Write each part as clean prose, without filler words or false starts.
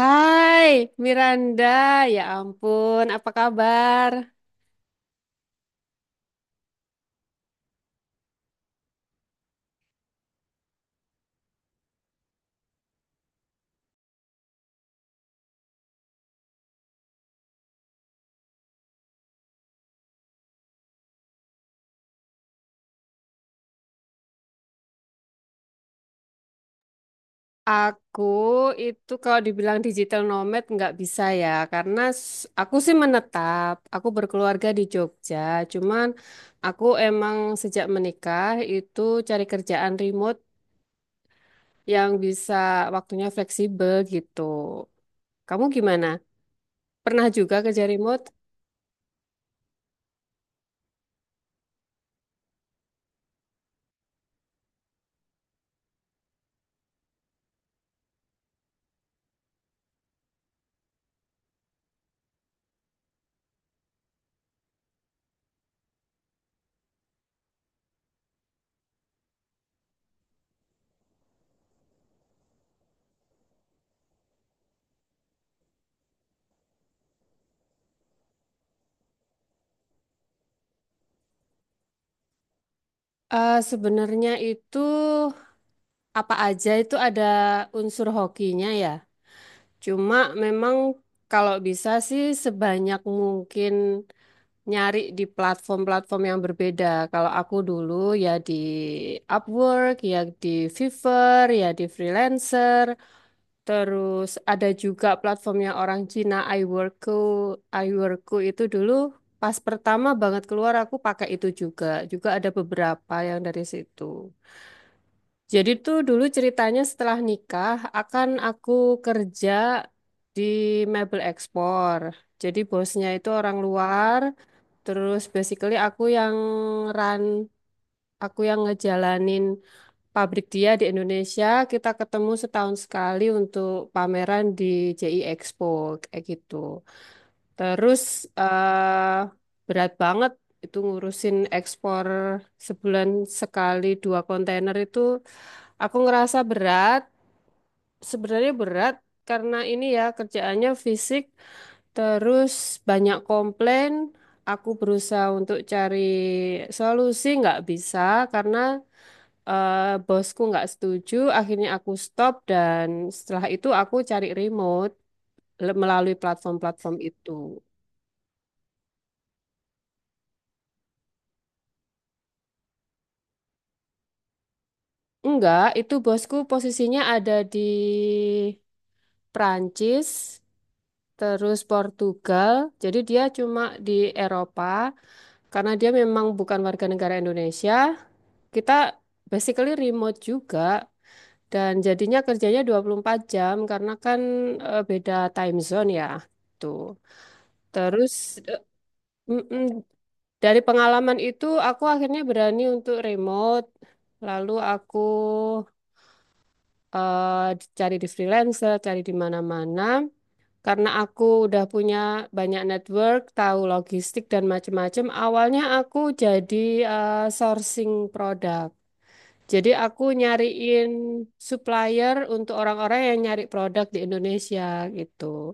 Hai Miranda, ya ampun, apa kabar? Aku itu kalau dibilang digital nomad nggak bisa ya, karena aku sih menetap, aku berkeluarga di Jogja, cuman aku emang sejak menikah itu cari kerjaan remote yang bisa waktunya fleksibel gitu. Kamu gimana? Pernah juga kerja remote? Sebenarnya itu apa aja itu ada unsur hokinya ya. Cuma memang kalau bisa sih sebanyak mungkin nyari di platform-platform yang berbeda. Kalau aku dulu ya di Upwork, ya di Fiverr, ya di freelancer. Terus ada juga platformnya orang Cina iWorku. iWorku itu dulu pas pertama banget keluar aku pakai itu juga. Juga ada beberapa yang dari situ. Jadi tuh dulu ceritanya setelah nikah akan aku kerja di mebel ekspor. Jadi bosnya itu orang luar, terus basically aku yang run, aku yang ngejalanin pabrik dia di Indonesia. Kita ketemu setahun sekali untuk pameran di JI Expo kayak gitu. Terus eh berat banget itu ngurusin ekspor sebulan sekali dua kontainer, itu aku ngerasa berat. Sebenarnya berat karena ini ya kerjaannya fisik. Terus banyak komplain. Aku berusaha untuk cari solusi nggak bisa karena eh, bosku nggak setuju. Akhirnya aku stop dan setelah itu aku cari remote melalui platform-platform itu. Enggak, itu bosku posisinya ada di Prancis, terus Portugal. Jadi dia cuma di Eropa karena dia memang bukan warga negara Indonesia. Kita basically remote juga dan jadinya kerjanya 24 jam karena kan beda time zone ya. Tuh. Terus eh, mm-mm, dari pengalaman itu aku akhirnya berani untuk remote. Lalu aku eh, cari di freelancer, cari di mana-mana. Karena aku udah punya banyak network, tahu logistik dan macam-macam. Awalnya aku jadi sourcing produk. Jadi aku nyariin supplier untuk orang-orang yang nyari produk di Indonesia gitu.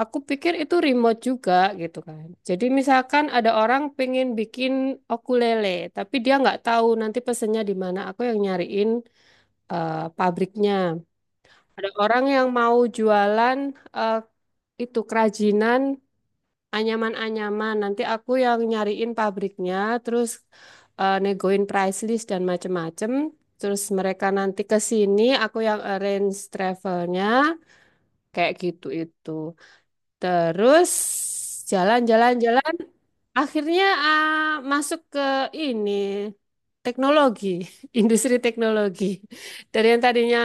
Aku pikir itu remote juga gitu kan. Jadi misalkan ada orang pengen bikin ukulele, tapi dia nggak tahu nanti pesennya di mana. Aku yang nyariin pabriknya. Ada orang yang mau jualan eh, itu kerajinan anyaman-anyaman. Nanti aku yang nyariin pabriknya, terus negoin price list dan macem-macem. Terus mereka nanti ke sini, aku yang arrange travelnya, kayak gitu itu. Terus jalan-jalan-jalan, akhirnya masuk ke ini teknologi, industri teknologi. Dari yang tadinya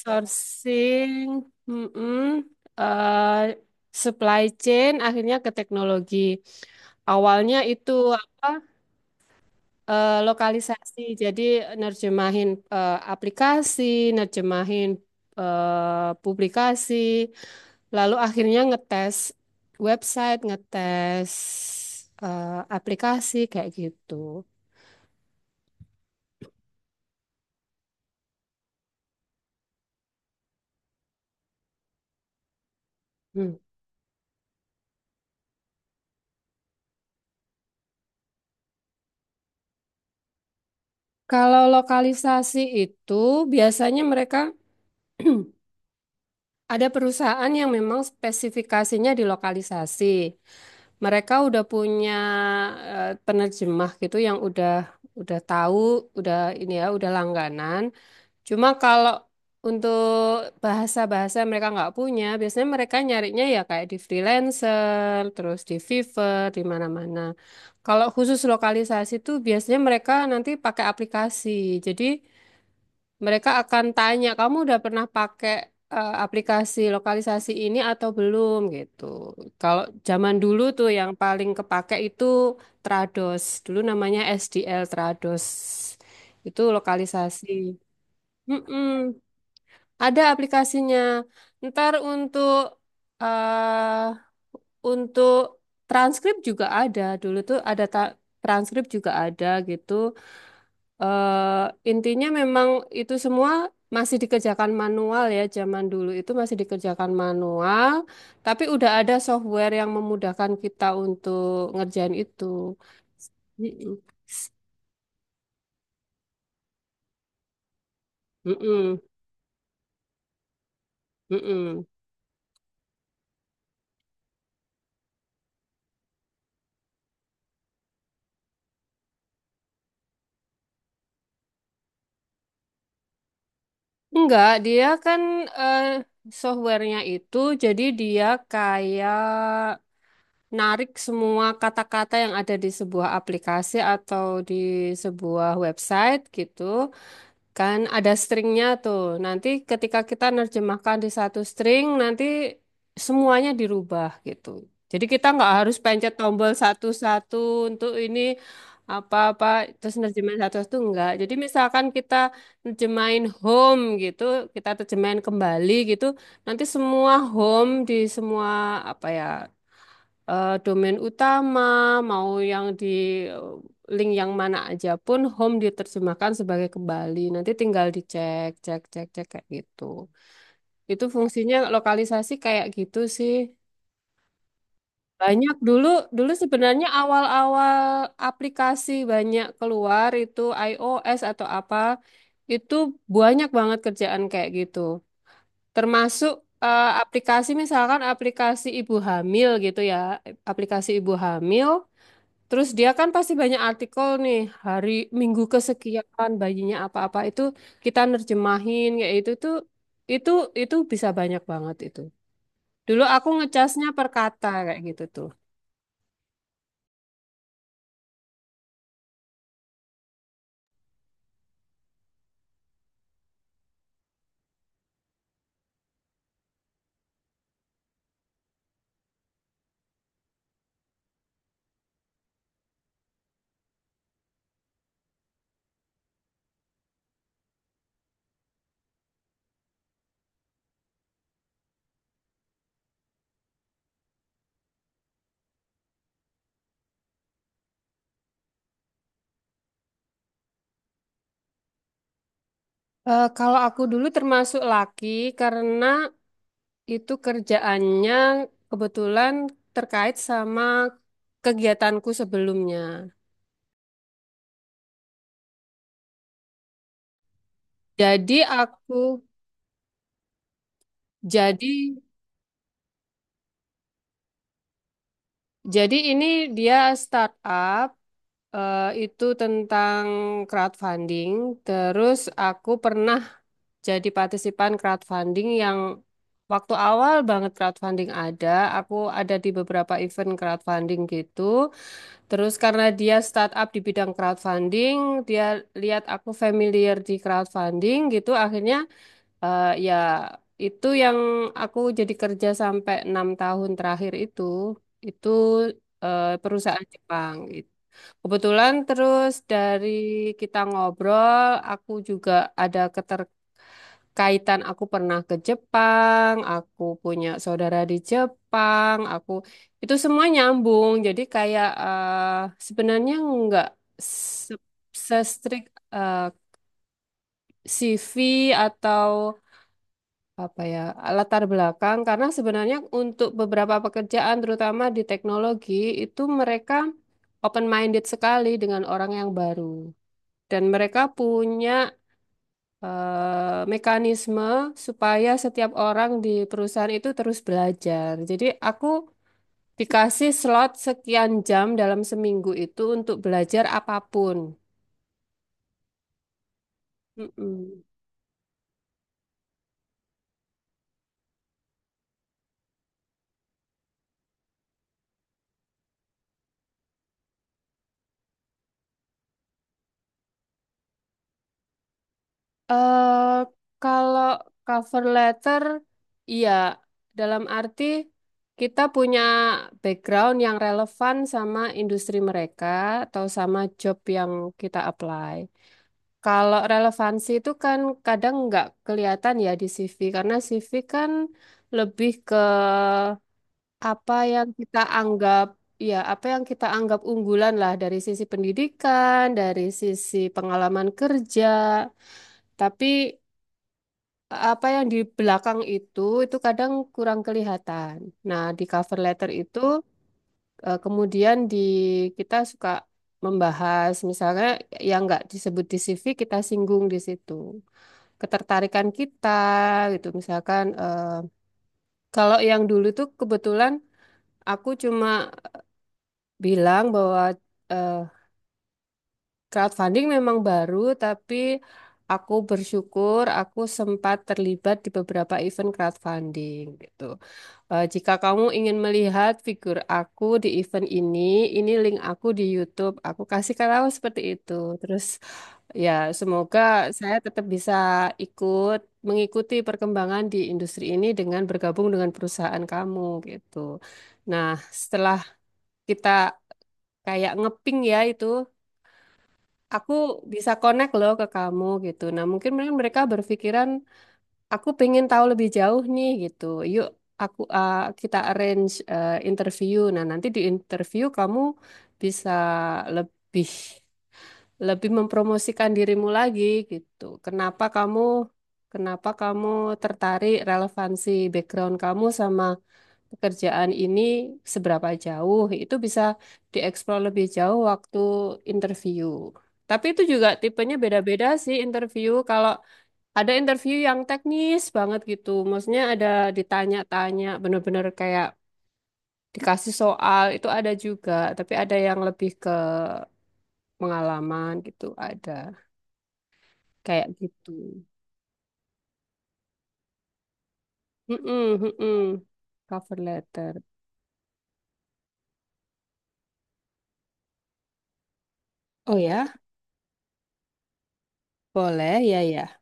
sourcing, mm-mm, eh, supply chain, akhirnya ke teknologi. Awalnya itu apa? Lokalisasi. Jadi nerjemahin aplikasi, nerjemahin publikasi, lalu akhirnya ngetes website, ngetes eh, aplikasi kayak gitu. Hmm. Kalau lokalisasi itu biasanya mereka ada perusahaan yang memang spesifikasinya di lokalisasi. Mereka udah punya penerjemah gitu yang udah tahu, udah ini ya, udah langganan. Cuma kalau untuk bahasa-bahasa yang mereka nggak punya, biasanya mereka nyarinya ya kayak di freelancer, terus di Fiverr, di mana-mana. Kalau khusus lokalisasi tuh biasanya mereka nanti pakai aplikasi. Jadi mereka akan tanya, kamu udah pernah pakai aplikasi lokalisasi ini atau belum gitu. Kalau zaman dulu tuh yang paling kepake itu Trados. Dulu namanya SDL Trados. Itu lokalisasi. Mm-mm. Ada aplikasinya. Ntar eh untuk transkrip juga ada. Dulu tuh ada transkrip juga ada gitu eh intinya memang itu semua masih dikerjakan manual ya, zaman dulu itu masih dikerjakan manual, tapi udah ada software yang memudahkan kita untuk ngerjain itu. Mm-mm. Mm-mm. Mm-mm. Enggak, dia kan eh, softwarenya itu jadi dia kayak narik semua kata-kata yang ada di sebuah aplikasi atau di sebuah website gitu. Kan ada stringnya tuh. Nanti ketika kita nerjemahkan di satu string, nanti semuanya dirubah gitu. Jadi kita nggak harus pencet tombol satu-satu untuk ini apa-apa terus nerjemahin satu-satu, enggak. Jadi misalkan kita nerjemahin home gitu, kita terjemahin kembali gitu, nanti semua home di semua apa ya domain utama, mau yang di link yang mana aja pun home diterjemahkan sebagai kembali. Nanti tinggal dicek, cek, cek, cek kayak gitu. Itu fungsinya lokalisasi kayak gitu sih. Banyak dulu sebenarnya awal-awal aplikasi banyak keluar itu iOS atau apa, itu banyak banget kerjaan kayak gitu. Termasuk aplikasi, misalkan aplikasi ibu hamil gitu ya, aplikasi ibu hamil. Terus dia kan pasti banyak artikel nih, hari minggu kesekian bayinya apa-apa, itu kita nerjemahin kayak itu tuh, itu itu bisa banyak banget itu. Dulu aku ngecasnya per kata kayak gitu tuh. Kalau aku dulu termasuk laki karena itu kerjaannya kebetulan terkait sama kegiatanku sebelumnya. Jadi aku jadi jadi ini dia startup. Itu tentang crowdfunding. Terus aku pernah jadi partisipan crowdfunding yang waktu awal banget crowdfunding ada. Aku ada di beberapa event crowdfunding gitu. Terus karena dia startup di bidang crowdfunding, dia lihat aku familiar di crowdfunding gitu. Akhirnya ya itu yang aku jadi kerja sampai 6 tahun terakhir itu. Itu perusahaan Jepang gitu. Kebetulan terus dari kita ngobrol, aku juga ada keterkaitan. Aku pernah ke Jepang, aku punya saudara di Jepang, aku itu semua nyambung. Jadi kayak sebenarnya nggak se- se-strict eh, CV atau apa ya latar belakang, karena sebenarnya untuk beberapa pekerjaan, terutama di teknologi, itu mereka open minded sekali dengan orang yang baru. Dan mereka punya mekanisme supaya setiap orang di perusahaan itu terus belajar. Jadi aku dikasih slot sekian jam dalam seminggu itu untuk belajar apapun. Mm-mm. eh kalau cover letter, iya, dalam arti kita punya background yang relevan sama industri mereka atau sama job yang kita apply. Kalau relevansi itu kan kadang nggak kelihatan ya di CV, karena CV kan lebih ke apa yang kita anggap, ya apa yang kita anggap unggulan lah, dari sisi pendidikan, dari sisi pengalaman kerja. Tapi apa yang di belakang itu kadang kurang kelihatan. Nah, di cover letter itu eh, kemudian di kita suka membahas misalnya yang nggak disebut di CV kita singgung di situ, ketertarikan kita gitu. Misalkan kalau yang dulu tuh kebetulan aku cuma bilang bahwa eh, crowdfunding memang baru, tapi aku bersyukur aku sempat terlibat di beberapa event crowdfunding gitu. Jika kamu ingin melihat figur aku di event ini link aku di YouTube. Aku kasih tahu seperti itu. Terus ya, semoga saya tetap bisa ikut mengikuti perkembangan di industri ini dengan bergabung dengan perusahaan kamu gitu. Nah, setelah kita kayak ngeping ya itu, aku bisa connect loh ke kamu gitu. Nah, mungkin mereka berpikiran, aku pengen tahu lebih jauh nih gitu. Yuk, aku kita arrange interview. Nah, nanti di interview kamu bisa lebih lebih mempromosikan dirimu lagi gitu. Kenapa kamu tertarik, relevansi background kamu sama pekerjaan ini seberapa jauh? Itu bisa dieksplor lebih jauh waktu interview. Tapi itu juga tipenya beda-beda sih interview. Kalau ada interview yang teknis banget gitu. Maksudnya ada ditanya-tanya, bener-bener kayak dikasih soal itu ada juga, tapi ada yang lebih ke pengalaman gitu, ada kayak gitu. Mm-mm, mm-mm. Cover letter. Oh ya, boleh ya ya.